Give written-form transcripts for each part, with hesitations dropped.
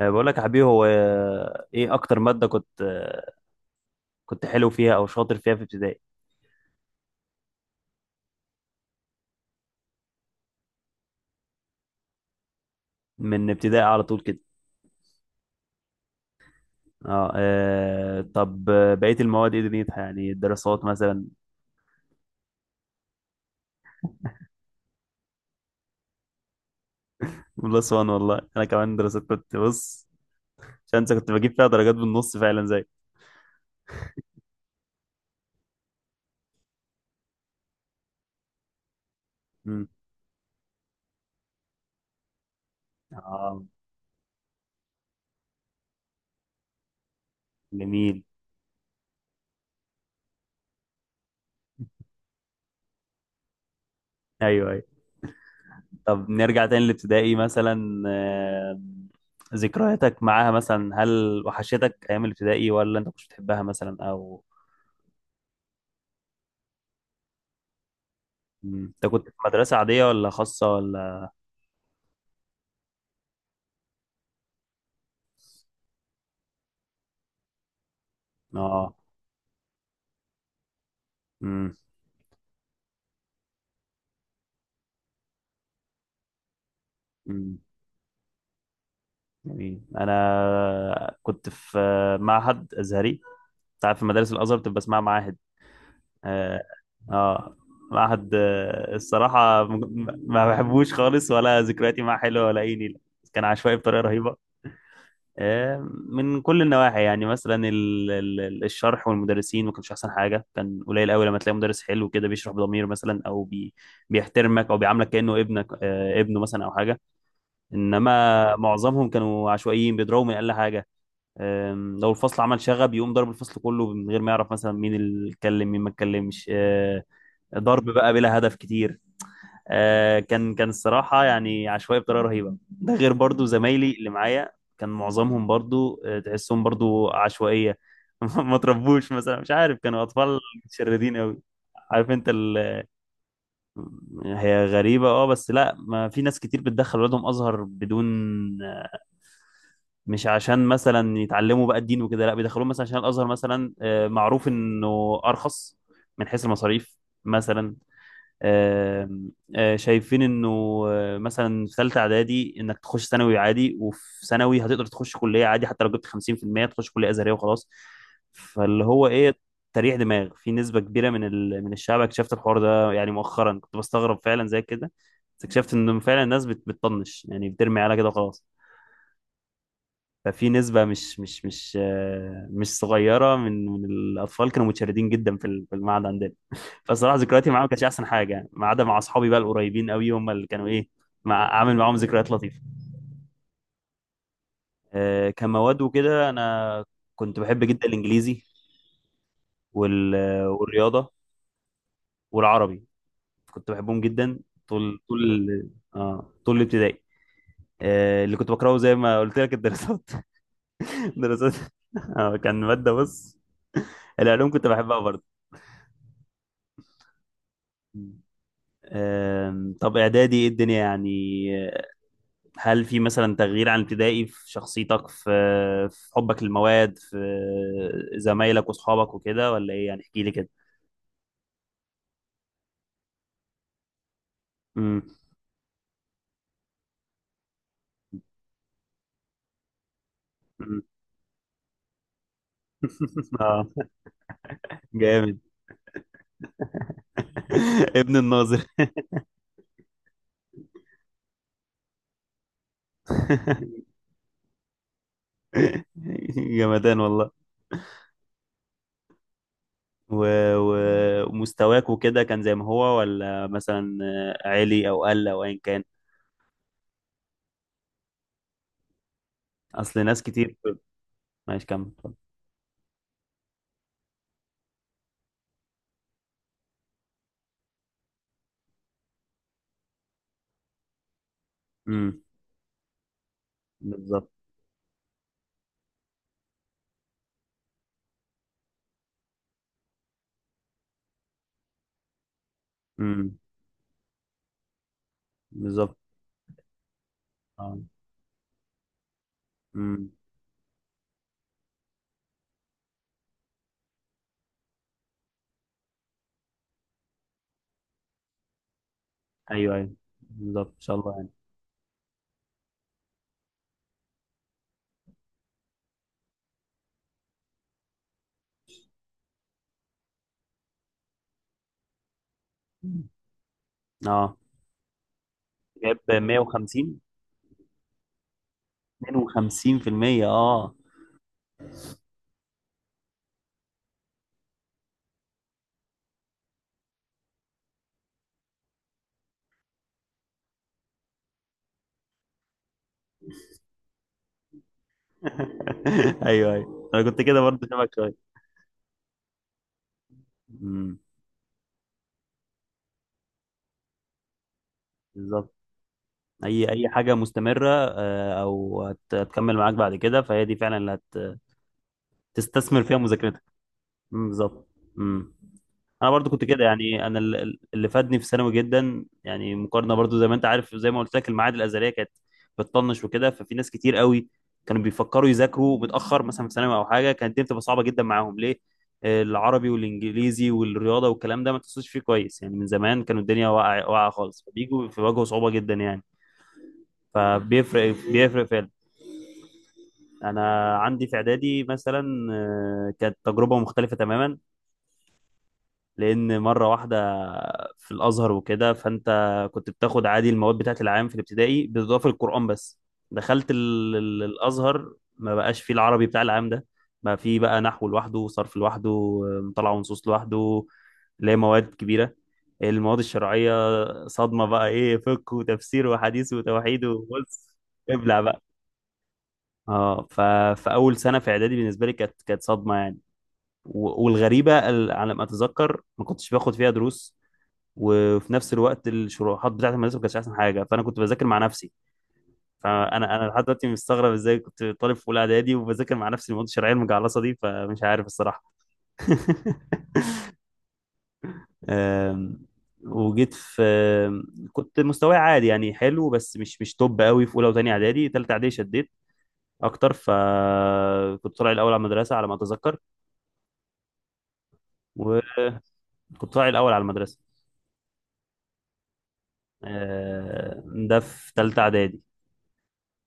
بقول لك يا حبيبي، هو ايه اكتر ماده كنت كنت حلو فيها او شاطر فيها في ابتدائي؟ من ابتدائي على طول كده. اه. طب، بقيه المواد ايه دنيتها؟ يعني الدراسات مثلا؟ بلس وان، والله انا كمان دراسات كنت بص. عشان انت كنت بجيب فيها درجات بالنص فعلا، زي... امم. اه. جميل. ايوه، ايوه. طب نرجع تاني لابتدائي مثلا، ذكرياتك معاها مثلا، هل وحشتك ايام الابتدائي ولا انت كنتش بتحبها مثلا، او...؟ انت كنت في مدرسة عادية ولا خاصة ولا...؟ اه. امم. امم. جميل. انا كنت في معهد ازهري. انت عارف مدارس الازهر بتبقى اسمها معاهد. اه. آه. معهد، الصراحة ما بحبوش خالص، ولا ذكرياتي معاه حلوة، ولا اي نيلة. كان عشوائي بطريقة رهيبة. من كل النواحي، يعني مثلا الشرح والمدرسين ما كانش احسن حاجه. كان قليل قوي لما تلاقي مدرس حلو كده بيشرح بضمير مثلا، او بيحترمك، او بيعاملك كانه ابنك ابنه مثلا او حاجه. انما معظمهم كانوا عشوائيين بيضربوا من اقل حاجه. لو الفصل عمل شغب يقوم ضرب الفصل كله من غير ما يعرف مثلا مين اللي اتكلم، مين ما اتكلمش. ضرب بقى بلا هدف كتير. كان كان الصراحة يعني عشوائي بطريقة رهيبة، ده غير برضو زمايلي اللي معايا. كان معظمهم برضو تحسهم برضو عشوائية. ما تربوش مثلا، مش عارف، كانوا أطفال متشردين أوي. عارف انت ال... هي غريبة، اه، بس لا، ما في ناس كتير بتدخل ولادهم أزهر بدون آه، مش عشان مثلا يتعلموا بقى الدين وكده. لا، بيدخلوهم مثلا عشان الأزهر مثلا معروف إنه أرخص من حيث المصاريف مثلا. آم، آه، شايفين انه مثلا في ثالثه اعدادي انك تخش ثانوي عادي، وفي ثانوي هتقدر تخش كليه عادي حتى لو جبت 50%. تخش كليه ازهريه وخلاص. فاللي هو ايه، تريح دماغ. في نسبه كبيره من ال... من الشعب اكتشفت الحوار ده يعني مؤخرا، كنت بستغرب فعلا زي كده، بس اكتشفت انه فعلا الناس بت... بتطنش، يعني بترمي على كده وخلاص. ففي نسبة مش مش مش مش صغيرة من الأطفال كانوا متشردين جدا في ال- في المعهد عندنا. فصراحة ذكرياتي معاهم ما كانتش أحسن حاجة يعني، ما عدا مع أصحابي بقى القريبين قوي، هم اللي كانوا إيه، مع عامل معاهم ذكريات لطيفة. كمواد وكده، أنا كنت بحب جدا الإنجليزي، والرياضة والعربي، كنت بحبهم جدا. طول طول الابتدائي. اللي كنت بكرهه زي ما قلت لك الدراسات. دراسات. كان مادة بص. العلوم كنت بحبها برضه. طب اعدادي ايه الدنيا يعني؟ آه، هل في مثلا تغيير عن ابتدائي في شخصيتك، في في حبك للمواد، في زمايلك واصحابك وكده، ولا ايه يعني؟ احكي لي كده. امم. أمم. اه. جامد. ابن الناظر. جمدان والله. و... و... ومستواك وكده كان زي ما هو، ولا مثلا عالي او قل او ايا كان؟ اصل ناس كتير... ماشي، كمل. امم. بالظبط. امم. بالظبط. اه. ايوه، ايوه. بالظبط، ان شاء الله يعني. اه، جايب 150. 52%، اه. ايوه، ايوه، انا كنت كده برضه، شبك شويه. امم. بالظبط. اي اي حاجه مستمره او هتكمل معاك بعد كده، فهي دي فعلا اللي هتستثمر فيها مذاكرتك. مم، بالظبط. مم. انا برضو كنت كده يعني، انا ال- ال- اللي فادني في ثانوي جدا يعني، مقارنه برضو زي ما انت عارف، زي ما قلت لك المعاهد الازهريه كانت بتطنش وكده. ففي ناس كتير قوي كانوا بيفكروا يذاكروا متاخر مثلا في ثانوي او حاجه، كانت الدنيا بتبقى صعبه جدا معاهم، ليه؟ العربي والانجليزي والرياضه والكلام ده ما تحسوش فيه كويس يعني من زمان، كانوا الدنيا واقعه خالص، فبيجوا بيواجهوا صعوبه جدا يعني. فبيفرق، بيفرق فعلا. انا عندي في اعدادي مثلا كانت تجربه مختلفه تماما، لان مره واحده في الازهر وكده. فانت كنت بتاخد عادي المواد بتاعت العام في الابتدائي بالاضافه للقران بس. دخلت ال- ال- الازهر، ما بقاش فيه العربي بتاع العام ده. بقى فيه بقى نحو لوحده، صرف لوحده، مطالعه ونصوص لوحده، اللي هي مواد كبيره. المواد الشرعيه صدمه بقى، ايه، فقه وتفسير وحديث وتوحيد، وبص ابلع بقى. اه، ف... فاول سنه في اعدادي بالنسبه لي كانت كانت صدمه يعني. والغريبه ال- على ما اتذكر، ما كنتش باخد فيها دروس، وفي نفس الوقت الشروحات بتاعت المدرسه ما كانتش احسن حاجه، فانا كنت بذاكر مع نفسي. فانا لحد دلوقتي مستغرب ازاي كنت طالب في اولى اعدادي وبذاكر مع نفسي المواد الشرعيه المجعلصه دي. فمش عارف الصراحه. أم، وجيت في آم، كنت مستواي عادي يعني، حلو بس مش توب قوي في اولى وثانيه اعدادي. ثالثه اعدادي شديت اكتر، فكنت طالع الاول على المدرسه على ما اتذكر، وكنت طالع الاول على المدرسه. أه، ده في ثالثه اعدادي.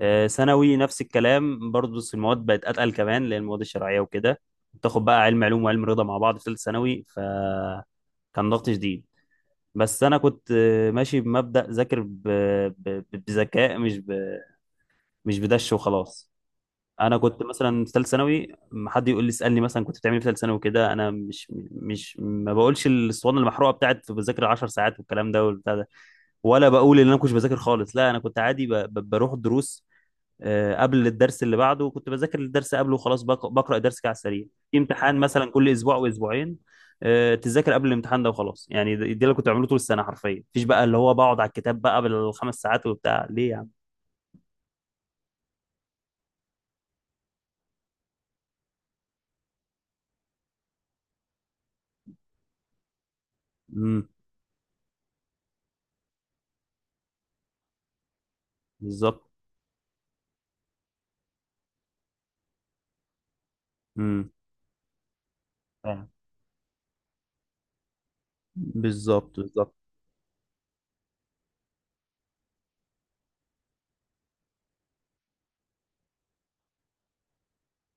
ثانوي نفس الكلام برضه، بس المواد بقت اتقل كمان، اللي هي المواد الشرعيه وكده. بتاخد بقى علم علوم وعلم رياضه مع بعض في ثالثه ثانوي، فكان ضغط شديد. بس انا كنت ماشي بمبدا ذاكر بذكاء، مش ب... مش بدش وخلاص. انا كنت مثلا في ثالثه ثانوي، ما حد يقول لي اسالني مثلا كنت بتعمل إيه في ثالثه ثانوي كده، انا مش ما بقولش الاسطوانه المحروقه بتاعت بذاكر 10 ساعات والكلام ده والبتاع ده، ولا بقول ان انا ما كنتش بذاكر خالص. لا، انا كنت عادي ب... بروح الدروس قبل الدرس اللي بعده، وكنت بذاكر الدرس قبله وخلاص، بقرا الدرس كده على السريع. في امتحان مثلا كل اسبوع او اسبوعين تذاكر قبل الامتحان ده وخلاص يعني. ده اللي كنت بعمله طول السنه حرفيا، مفيش بقى اللي هو بقعد على الكتاب بقى بالخمس ساعات وبتاع ليه يعني. امم. بالظبط. امم. فاهم. بالظبط، بالظبط.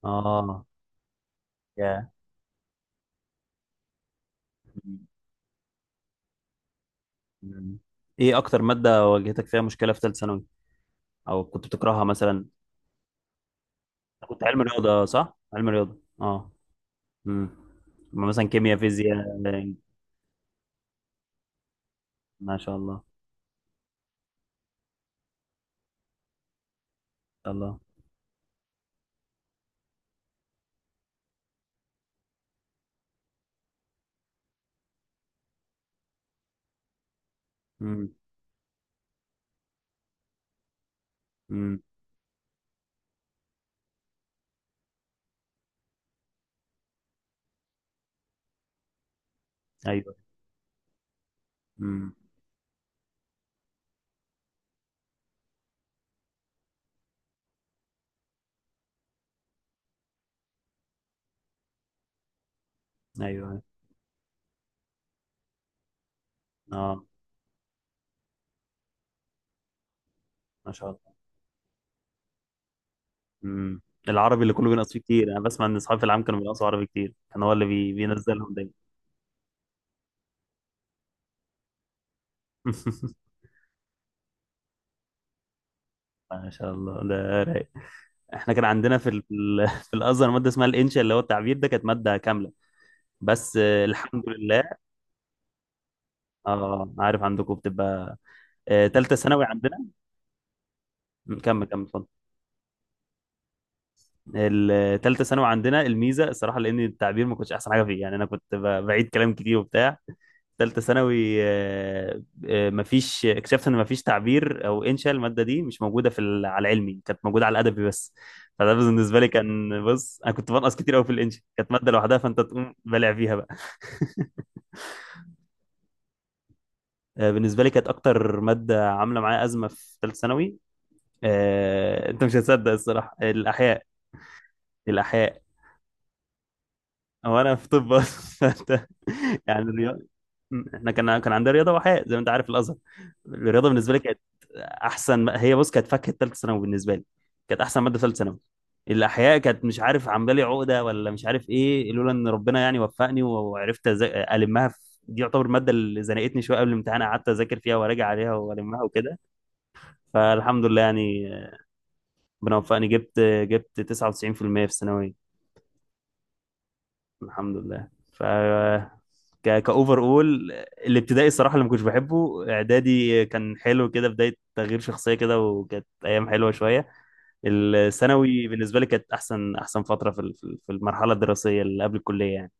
اه، يا... مم. مم. ايه اكتر ماده واجهتك فيها مشكله في ثالث ثانوي، او كنت بتكرهها مثلا؟ كنت علم رياضه، صح؟ علم رياضه، اه. امم. مثلا كيمياء، فيزياء؟ ما شاء الله. ما شاء الله. امم. امم. ايوه. امم. ايوه. اه. ما شاء الله. امم. العربي اللي كله بينقص فيه كتير، انا بسمع ان اصحابي في العام كانوا بينقصوا عربي كتير، كان هو اللي بي... بينزلهم دايما. ما شاء الله، ده رايق. احنا كان عندنا في ال... في ال- في الازهر ماده اسمها الانشاء، اللي هو التعبير ده، كانت ماده كامله. بس الحمد لله. اه، عارف، عندكم بتبقى تالتة ثانوي عندنا... كمل، كمل، اتفضل. الثالثه ثانوي عندنا الميزه الصراحه، لان التعبير ما كنتش احسن حاجه فيه يعني، انا كنت بعيد كلام كتير وبتاع. ثالثه ثانوي مفيش، اكتشفت ان مفيش تعبير او انشاء، الماده دي مش موجوده في ال- على العلمي، كانت موجوده على الادبي بس. فده بالنسبه لي كان بص، انا كنت بنقص كتير قوي في الانشاء، كانت ماده لوحدها، فانت تقوم بلع فيها بقى. بالنسبه لي كانت اكتر ماده عامله معايا ازمه في ثالثه ثانوي انت مش هتصدق الصراحه، الاحياء. الاحياء. هو انا في طب اصلا. فأنت- يعني الرياضه، احنا كان كان عندنا رياضه واحياء زي ما انت عارف الازهر. الرياضه بالنسبه لي كانت احسن، هي بص كانت فاكهه ثالثه ثانوي بالنسبه لي، كانت احسن ماده ثالثه ثانوي. الاحياء كانت مش عارف عامله لي عقده، ولا مش عارف ايه. لولا ان ربنا يعني وفقني، وعرفت المها في... دي يعتبر الماده اللي زنقتني شويه، قبل الامتحان قعدت اذاكر فيها وراجع عليها والمها وكده، فالحمد لله يعني. ربنا وفقني، جبت 99% في المية في الثانويه. الحمد لله. ف ك كاوفر اول. الابتدائي الصراحه اللي ما كنتش بحبه، اعدادي كان حلو كده، بدايه تغيير شخصيه كده، وكانت ايام حلوه شويه. الثانوي بالنسبه لي كانت احسن احسن فتره في ال- في ال- في المرحله الدراسيه اللي قبل الكليه يعني.